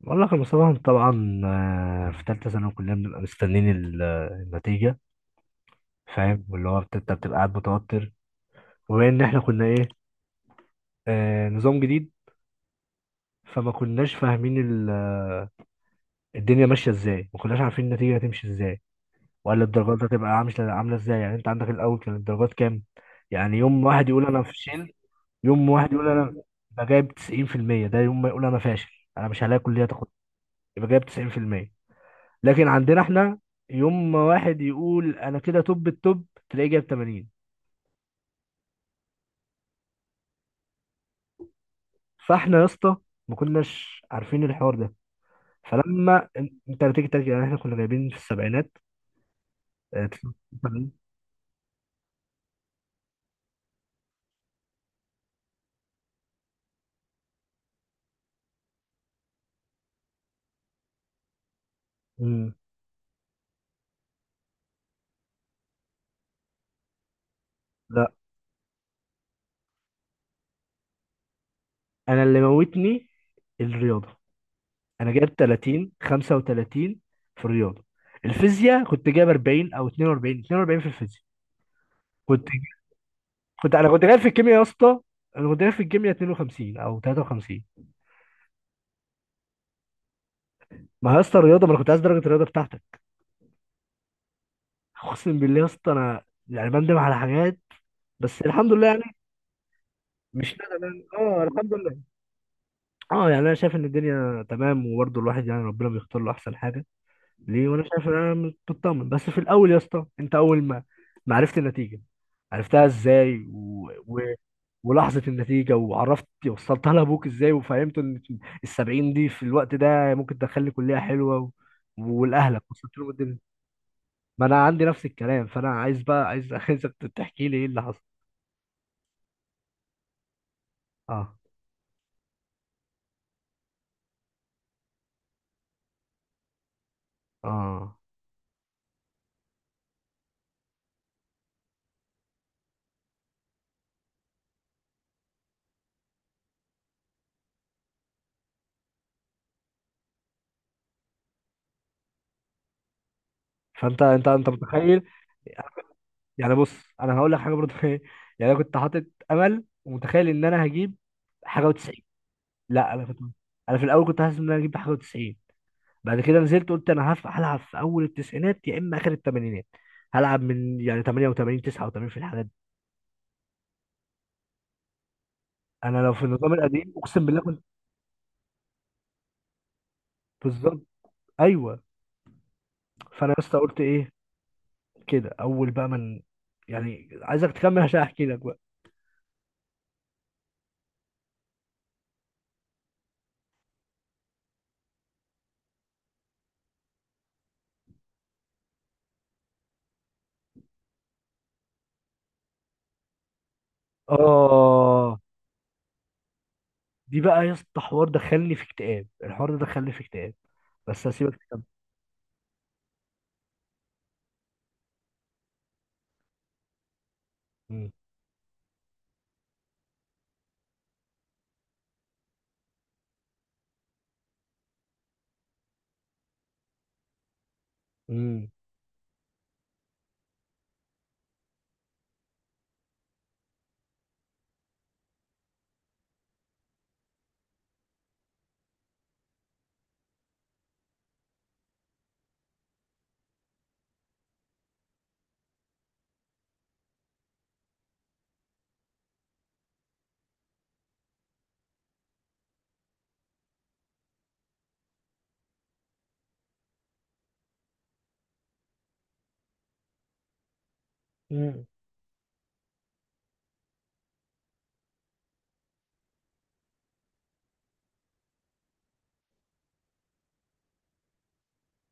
بقول لك يا مصطفى، طبعا، في ثالثه ثانوي كلنا بنبقى مستنيين النتيجه. فاهم، واللي هو انت بتبقى قاعد متوتر. وبما ان احنا كنا ايه، نظام جديد. فما كناش فاهمين الدنيا ماشيه ازاي، ما كناش عارفين النتيجه هتمشي ازاي، ولا الدرجات هتبقى عامله عامله ازاي. يعني انت عندك الاول كان الدرجات كام؟ يعني يوم واحد يقول انا فشل، يوم واحد يقول أنا جايب 90%، ده يوم ما يقول انا فاشل، انا مش هلاقي كليه تاخد. يبقى جايب 90%. لكن عندنا احنا، يوم ما واحد يقول انا كده توب التوب، تلاقيه جايب 80. فاحنا يا اسطى، ما كناش عارفين الحوار ده. فلما انت بتيجي ترجع، يعني احنا كنا جايبين في السبعينات، 79. مم. لا، انا اللي موتني الرياضه. انا جايب 30، 35 في الرياضه. الفيزياء كنت جايب 40 او 42، في الفيزياء كنت. انا كنت جايب في الكيمياء يا اسطى. انا كنت جايب في الكيمياء 52 او 53. ما هي يا اسطى الرياضه، ما انا كنت عايز درجه الرياضه بتاعتك. اقسم بالله يا اسطى، انا يعني بندم على حاجات، بس الحمد لله يعني. مش ندم يعني، اه، الحمد لله. اه، يعني انا شايف ان الدنيا تمام، وبرضه الواحد يعني ربنا بيختار له احسن حاجه ليه. وانا شايف ان انا مطمن، بس في الاول يا اسطى، انت اول ما عرفت النتيجه، عرفتها ازاي ولحظه النتيجه، وعرفت وصلتها لابوك ازاي، وفهمت ان السبعين دي في الوقت ده ممكن تدخلني كليه حلوه ولاهلك وصلت لهم الدنيا. ما انا عندي نفس الكلام، فانا عايز بقى عايزك تحكي لي ايه اللي حصل. اه. اه. فانت انت انت متخيل؟ يعني بص، انا هقول لك حاجه برضه ايه؟ يعني انا كنت حاطط امل ومتخيل ان انا هجيب حاجه و90. لا، انا في الاول كنت حاسس ان انا هجيب حاجه و90. بعد كده نزلت، قلت انا هلعب في اول التسعينات، يا اما اخر الثمانينات. هلعب من يعني 88، 89 في الحاجات دي. انا لو في النظام القديم اقسم بالله كنت. بالظبط. ايوه. فانا لسه قلت ايه؟ كده اول بقى من، يعني عايزك تكمل عشان احكي لك بقى. اه، دي بقى يا اسطى حوار دخلني في اكتئاب، الحوار ده دخلني في اكتئاب، بس هسيبك تكمل. مم. مم. مم.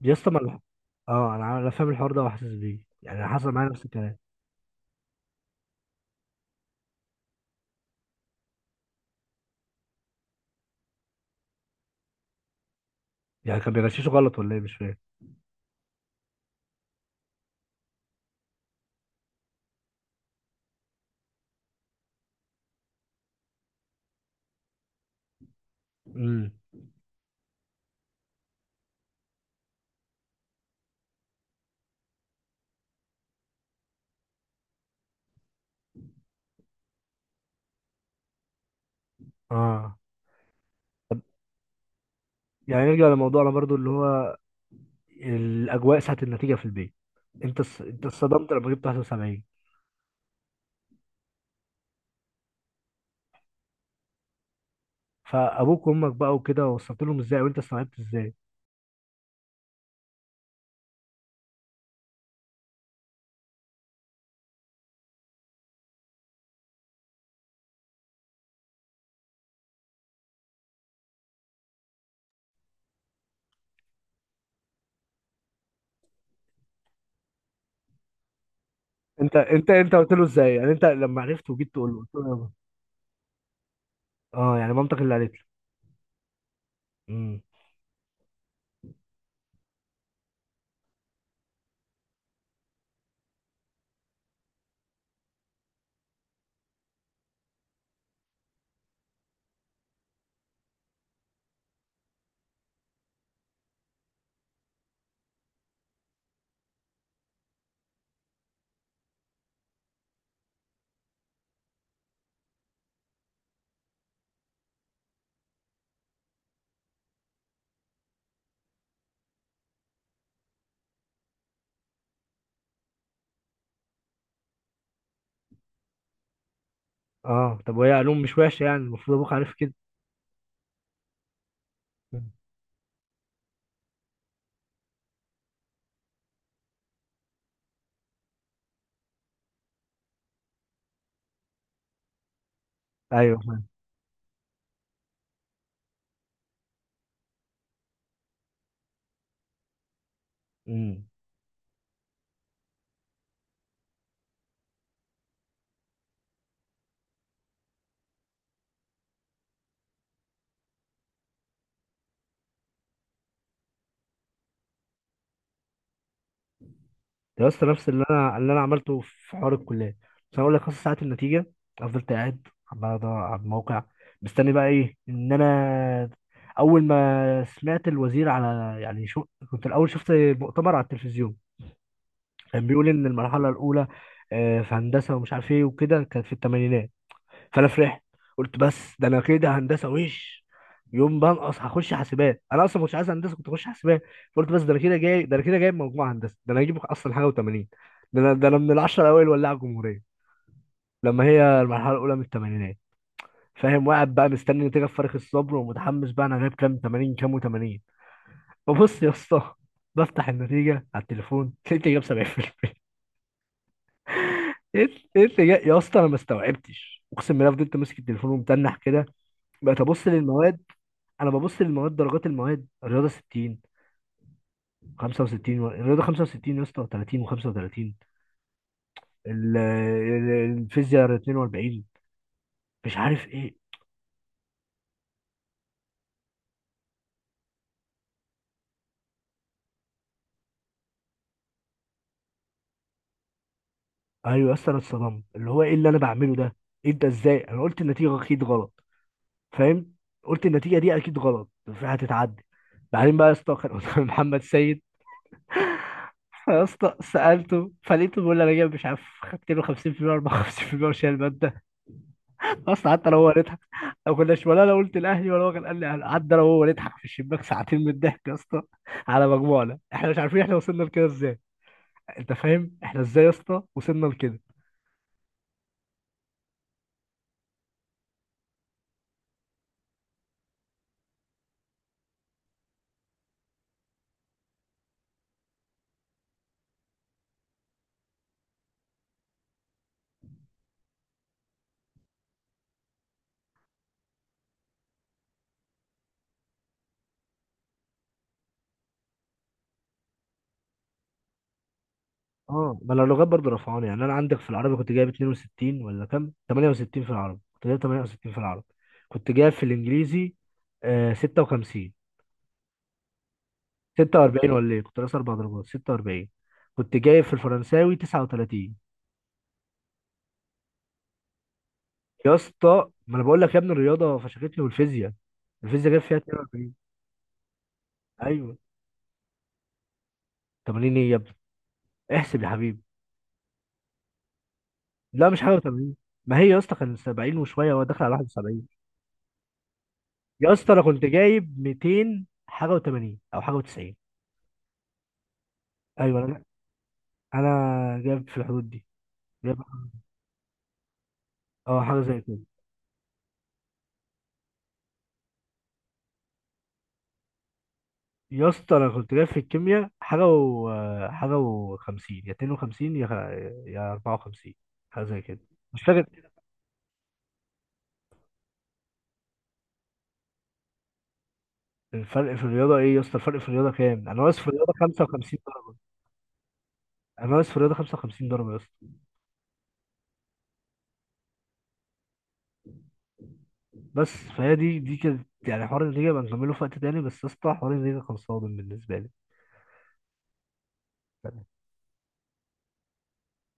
يا اسطى ما اه، انا فاهم الحوار ده وحاسس بيه، يعني أنا حصل معايا نفس الكلام. يعني كان بيغششه غلط ولا ايه؟ مش فاهم. امم. اه، يعني نرجع لموضوعنا برضو، اللي هو الاجواء ساعه النتيجه في البيت. انت انت اتصدمت لما جبت 71؟ فابوك وامك بقى وكده، وصلت لهم ازاي وانت استوعبت ازاي؟ انت قلت له ازاي؟ يعني انت لما عرفت وجيت تقول له، قلت له: يابا. اه، يعني مامتك اللي قالت له. امم. اه، طب وهي علوم مش وحشه، يعني المفروض ابوك عارف كده. مم. ايوه، فاهم. امم. ده يا اسطى نفس اللي انا عملته في حوار الكليه. بس هقول لك نص ساعه النتيجه، انا فضلت قاعد عمال ادور على الموقع، مستني بقى ايه ان انا اول ما سمعت الوزير على يعني شو. كنت الاول شفت مؤتمر على التلفزيون، كان بيقول ان المرحله الاولى في هندسه ومش عارف ايه وكده كانت في الثمانينات. فانا فرحت، قلت بس ده انا كده هندسه وش، يوم بنقص هخش حاسبات، انا اصلا ما كنتش عايز هندسه، كنت اخش حاسبات. فقلت بس ده انا كده جايب مجموعه هندسه، ده انا هجيب اصلا حاجه و80. ده انا من العشره الاوائل، ولاعه الجمهوريه. لما هي المرحله الاولى من الثمانينات. فاهم، وقاعد بقى مستني نتيجه بفارغ الصبر ومتحمس، بقى انا جايب كام 80، كام و80؟ ببص يا اسطى، بفتح النتيجه على التليفون لقيت جايب 70%. ايه؟ ايه اللي يا اسطى انا ما استوعبتش، اقسم بالله فضلت ماسك التليفون ومتنح كده. بقيت ابص للمواد، انا ببص للمواد، درجات المواد: الرياضه 60، 65، الرياضه 65 يا اسطى، 30 و35. الفيزياء 42، مش عارف ايه. ايوه يا اسطى انا اتصدمت، اللي هو ايه اللي انا بعمله ده؟ انت ازاي؟ انا قلت النتيجه اكيد غلط، فاهم. قلت النتيجه دي اكيد غلط، هتتعدل. بعدين بقى يا اسطى، كان قدام محمد سيد. يا اسطى سالته، فلقيته بيقول لي انا جايب مش عارف، خدت له 50%، 54% وشايل. اصلا حتى لو هو نضحك، لو كنا شمال انا قلت الاهلي ولا هو كان قال لي أهلي. قعدنا انا وهو نضحك في الشباك ساعتين من الضحك يا اسطى، على مجموعنا، احنا مش عارفين احنا وصلنا لكده ازاي. انت فاهم احنا ازاي يا اسطى وصلنا لكده؟ اه، بلا اللغات برضه رفعوني، يعني انا عندك في العربي كنت جايب 62 ولا كام، 68، في العربي كنت جايب 68 في العربي. كنت جايب في الانجليزي 56، 46 ولا ايه، كنت ناقص اربع درجات، 46. كنت جايب في الفرنساوي 39. يا اسطى ما انا بقول لك يا ابني، الرياضه فشختني، والفيزياء، جاب فيها 42. ايوه. 80؟ ايه يا ابني، احسب يا حبيبي. لا مش حاجه 80. ما هي يا اسطى كان 70 وشويه، هو داخل على 71. يا اسطى انا كنت جايب 200 حاجه و80، او حاجه و90. ايوه، انا جايب في الحدود دي، جايب، اه حاجه زي كده. يا اسطى انا كنت جايب في الكيمياء حاجه و50، يا 52، يا يا 54، حاجه زي كده، مش فاكر. الفرق في الرياضة ايه يا اسطى؟ الفرق في الرياضة كام؟ انا واقف في الرياضة 55 درجة. انا واقف في الرياضة 55 درجة يا اسطى. بس فهي دي كانت يعني حوار النتيجة، بقى نكمله في وقت تاني، بس يا اسطى حوار النتيجة كان صادم بالنسبة لي.